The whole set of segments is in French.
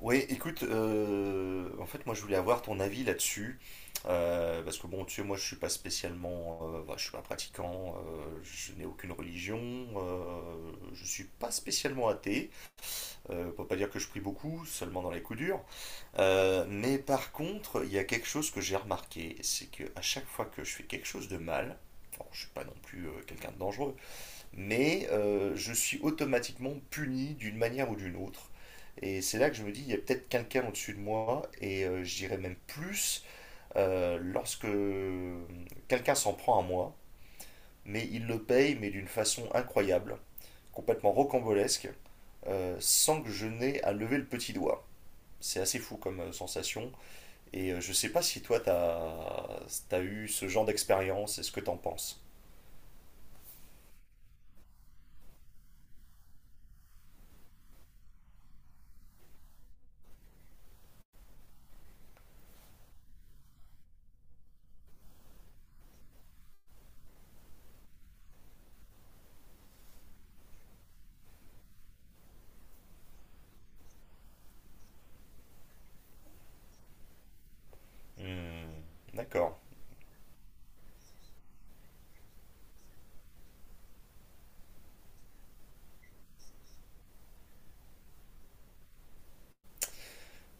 Oui, écoute, en fait, moi, je voulais avoir ton avis là-dessus. Parce que bon, tu sais, moi, je suis pas spécialement, je suis pas pratiquant, je n'ai aucune religion, je suis pas spécialement athée. On peut pas dire que je prie beaucoup, seulement dans les coups durs. Mais par contre, il y a quelque chose que j'ai remarqué, c'est que à chaque fois que je fais quelque chose de mal, bon, je suis pas non plus quelqu'un de dangereux, mais je suis automatiquement puni d'une manière ou d'une autre. Et c'est là que je me dis, il y a peut-être quelqu'un au-dessus de moi, et je dirais même plus, lorsque quelqu'un s'en prend à moi, mais il le paye, mais d'une façon incroyable, complètement rocambolesque, sans que je n'aie à lever le petit doigt. C'est assez fou comme sensation, et je sais pas si toi t'as eu ce genre d'expérience, et ce que t'en penses. Hmm, d'accord.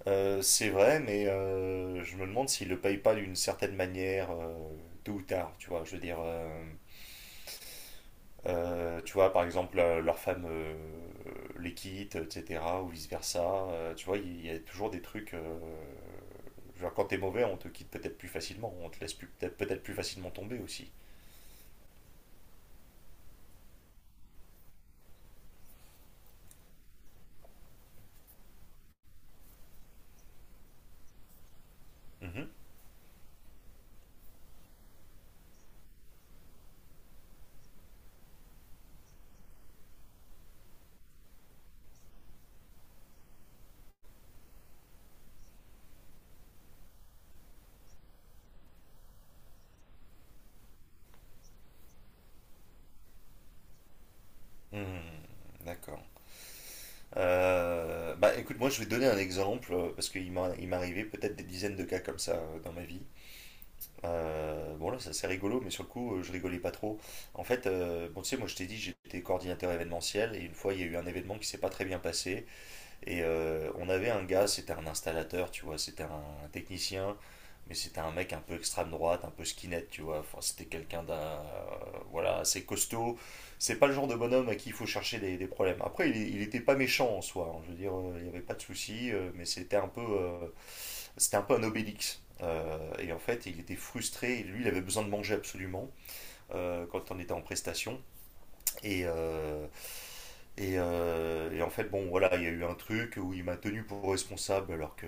C'est vrai, mais je me demande s'il le paye pas d'une certaine manière, tôt ou tard, tu vois. Je veux dire, tu vois, par exemple, leur femme les quitte, etc., ou vice-versa. Tu vois, il y a toujours des trucs. Je veux dire, quand t'es mauvais, on te quitte peut-être plus facilement, on te laisse peut-être plus facilement tomber aussi. Mhm. Hmm, d'accord. Écoute, moi je vais te donner un exemple, parce il m'est arrivé peut-être des dizaines de cas comme ça dans ma vie. Bon là c'est rigolo mais sur le coup je rigolais pas trop. En fait, bon tu sais moi je t'ai dit j'étais coordinateur événementiel et une fois il y a eu un événement qui s'est pas très bien passé et on avait un gars, c'était un installateur, tu vois, c'était un technicien, mais c'était un mec un peu extrême droite, un peu skinhead, tu vois. Enfin, c'était quelqu'un d'un, voilà, assez costaud. C'est pas le genre de bonhomme à qui il faut chercher des problèmes. Après, il était pas méchant en soi, hein. Je veux dire, il n'y avait pas de souci, mais c'était un peu un obélix. Et en fait, il était frustré. Lui, il avait besoin de manger absolument quand on était en prestation. Et, euh, et en fait, bon, voilà, il y a eu un truc où il m'a tenu pour responsable, alors que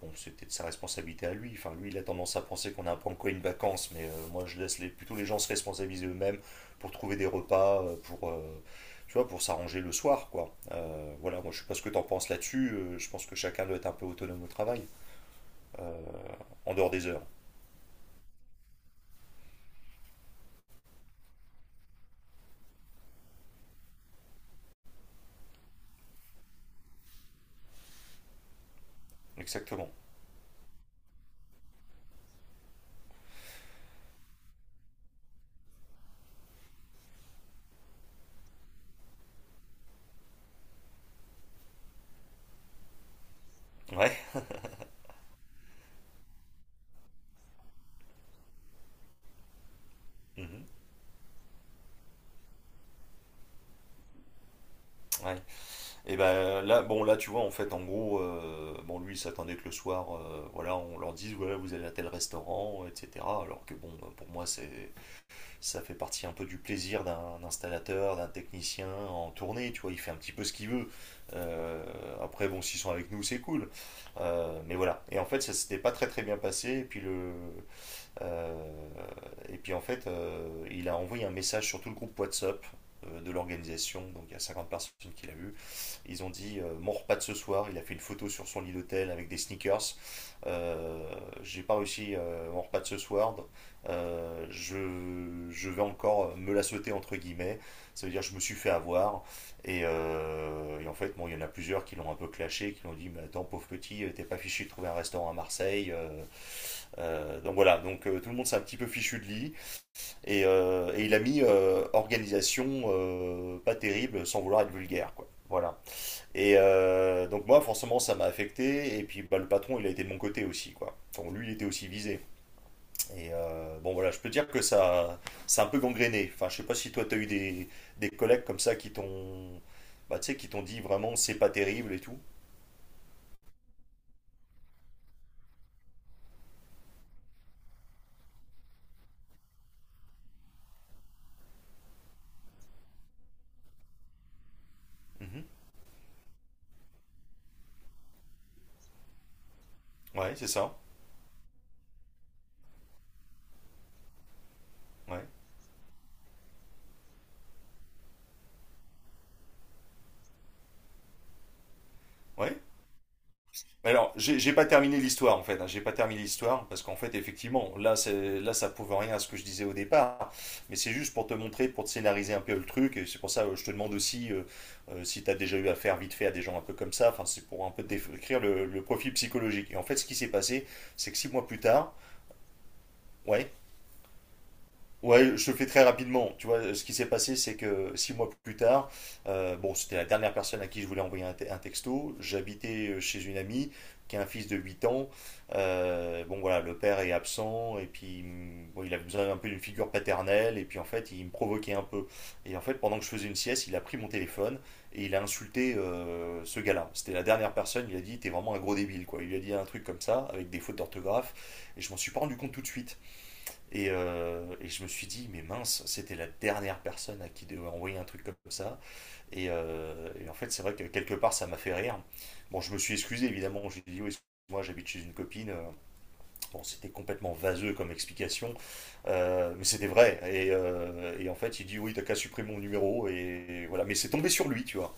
bon, c'était de sa responsabilité à lui. Enfin, lui, il a tendance à penser qu'on a un peu encore une vacance, mais moi, je laisse plutôt les gens se responsabiliser eux-mêmes pour trouver des repas, tu vois, pour s'arranger le soir, quoi. Voilà, moi, je sais pas ce que t'en penses là-dessus. Je pense que chacun doit être un peu autonome au travail, en dehors des heures. Exactement. Ouais. Mhm. Ouais. Et ben là, bon là tu vois en fait en gros, bon lui il s'attendait que le soir, voilà, on leur dise voilà vous allez à tel restaurant, etc. Alors que bon pour moi c'est ça fait partie un peu du plaisir d'un installateur, d'un technicien en tournée, tu vois, il fait un petit peu ce qu'il veut. Euh, Après bon s'ils sont avec nous c'est cool. Mais voilà. Et en fait ça s'était pas très très bien passé. Et puis euh, en fait il a envoyé un message sur tout le groupe WhatsApp de l'organisation, donc il y a 50 personnes qui l'a vu. Ils ont dit mon repas de ce soir, il a fait une photo sur son lit d'hôtel avec des sneakers. Euh, J'ai pas réussi mon repas de ce soir. Je vais encore me la sauter entre guillemets. Ça veut dire je me suis fait avoir. Et en fait, bon, il y en a plusieurs qui l'ont un peu clashé, qui l'ont dit mais attends pauvre petit, t'es pas fichu de trouver un restaurant à Marseille. Donc voilà, donc tout le monde s'est un petit peu fichu de lit. Et il a mis organisation pas terrible sans vouloir être vulgaire quoi. Voilà. Et donc moi, forcément, ça m'a affecté. Et puis bah, le patron, il a été de mon côté aussi, quoi. Enfin, lui, il était aussi visé. Et bon, voilà, je peux dire que ça, c'est un peu gangréné. Enfin, je sais pas si toi, t'as eu des collègues comme ça qui t'ont, bah, tu sais, qui t'ont dit vraiment, c'est pas terrible et tout. Mhm. Ouais, c'est ça. Ouais. Ouais. Alors, j'ai pas terminé l'histoire en fait, hein. J'ai pas terminé l'histoire parce qu'en fait, effectivement, c'est là, ça prouve rien à ce que je disais au départ. Mais c'est juste pour te montrer, pour te scénariser un peu le truc. Et c'est pour ça, je te demande aussi si tu as déjà eu affaire vite fait à des gens un peu comme ça. Enfin, c'est pour un peu te décrire le profil psychologique. Et en fait, ce qui s'est passé, c'est que 6 mois plus tard, ouais. Ouais, je te le fais très rapidement. Tu vois, ce qui s'est passé, c'est que six mois plus tard, bon, c'était la dernière personne à qui je voulais envoyer un texto. J'habitais chez une amie qui a un fils de 8 ans. Bon, voilà, le père est absent et puis bon, il avait besoin un peu d'une figure paternelle. Et puis en fait, il me provoquait un peu. Et en fait, pendant que je faisais une sieste, il a pris mon téléphone et il a insulté ce gars-là. C'était la dernière personne. Il a dit, t'es vraiment un gros débile, quoi. Il lui a dit un truc comme ça, avec des fautes d'orthographe. Et je m'en suis pas rendu compte tout de suite. Et je me suis dit, mais mince, c'était la dernière personne à qui devait envoyer un truc comme ça. Et en fait, c'est vrai que quelque part, ça m'a fait rire. Bon, je me suis excusé, évidemment. J'ai dit, oui, excuse-moi, j'habite chez une copine. Bon, c'était complètement vaseux comme explication, mais c'était vrai. Et en fait, il dit, oui, t'as qu'à supprimer mon numéro. Et voilà, mais c'est tombé sur lui, tu vois.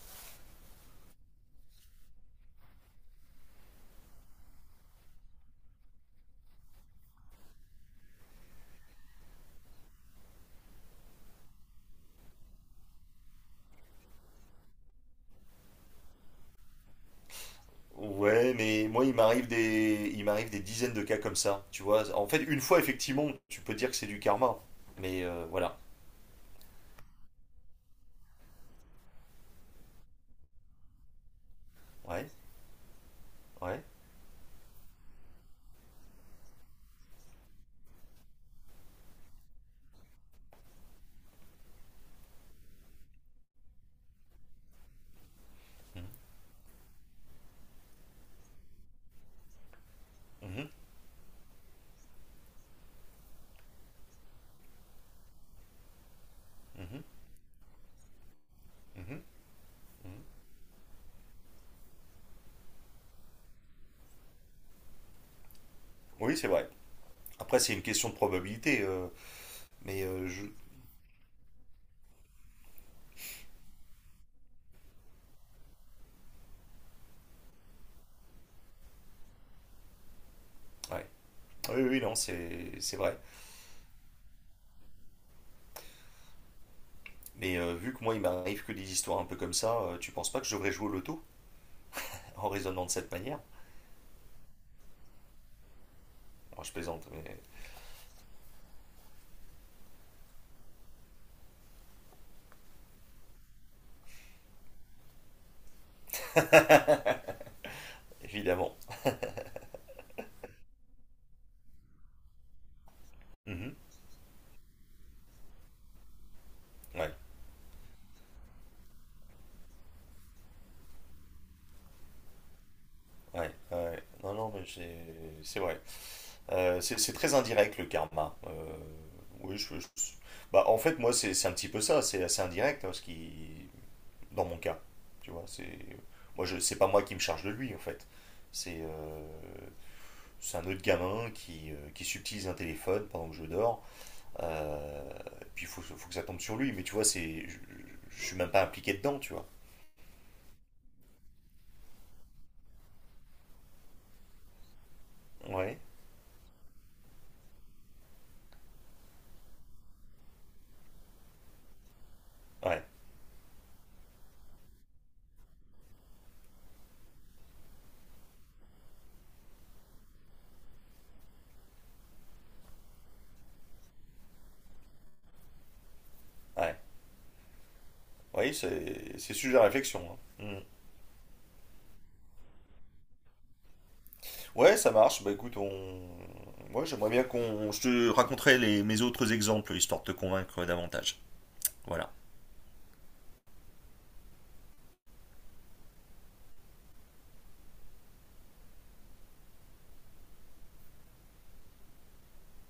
Ouais, mais moi, il m'arrive des dizaines de cas comme ça, tu vois. En fait, une fois, effectivement, tu peux dire que c'est du karma. Mais voilà. Ouais, ouais. Mhm, mhm, mhm, mhm. Mhm. Oui, c'est vrai. Après, c'est une question de probabilité. Mais je. Ouais. Oui, oui, non, c'est vrai. Mais vu que moi, il m'arrive que des histoires un peu comme ça, tu penses pas que je devrais jouer au loto en raisonnant de cette manière? Alors, je plaisante, mais évidemment. Mhm. Ouais, ouais, ouais. Non, non, mais c'est vrai. C'est très indirect le karma. Oui, je, je- Bah, en fait, moi, c'est un petit peu ça. C'est assez indirect hein, ce qui, dans mon cas. Tu vois, c'est pas moi qui me charge de lui en fait. C'est euh, c'est un autre gamin qui subtilise un téléphone pendant que je dors. Euh, Puis faut que ça tombe sur lui, mais tu vois, je suis même pas impliqué dedans, tu vois. Ouais, ouais, ouais. Oui, c'est sujet à réflexion, hein. Mm. Ouais, ça marche. Bah écoute, on. Moi, j'aimerais bien qu'on. Je te raconterai mes autres exemples, histoire de te convaincre davantage. Voilà.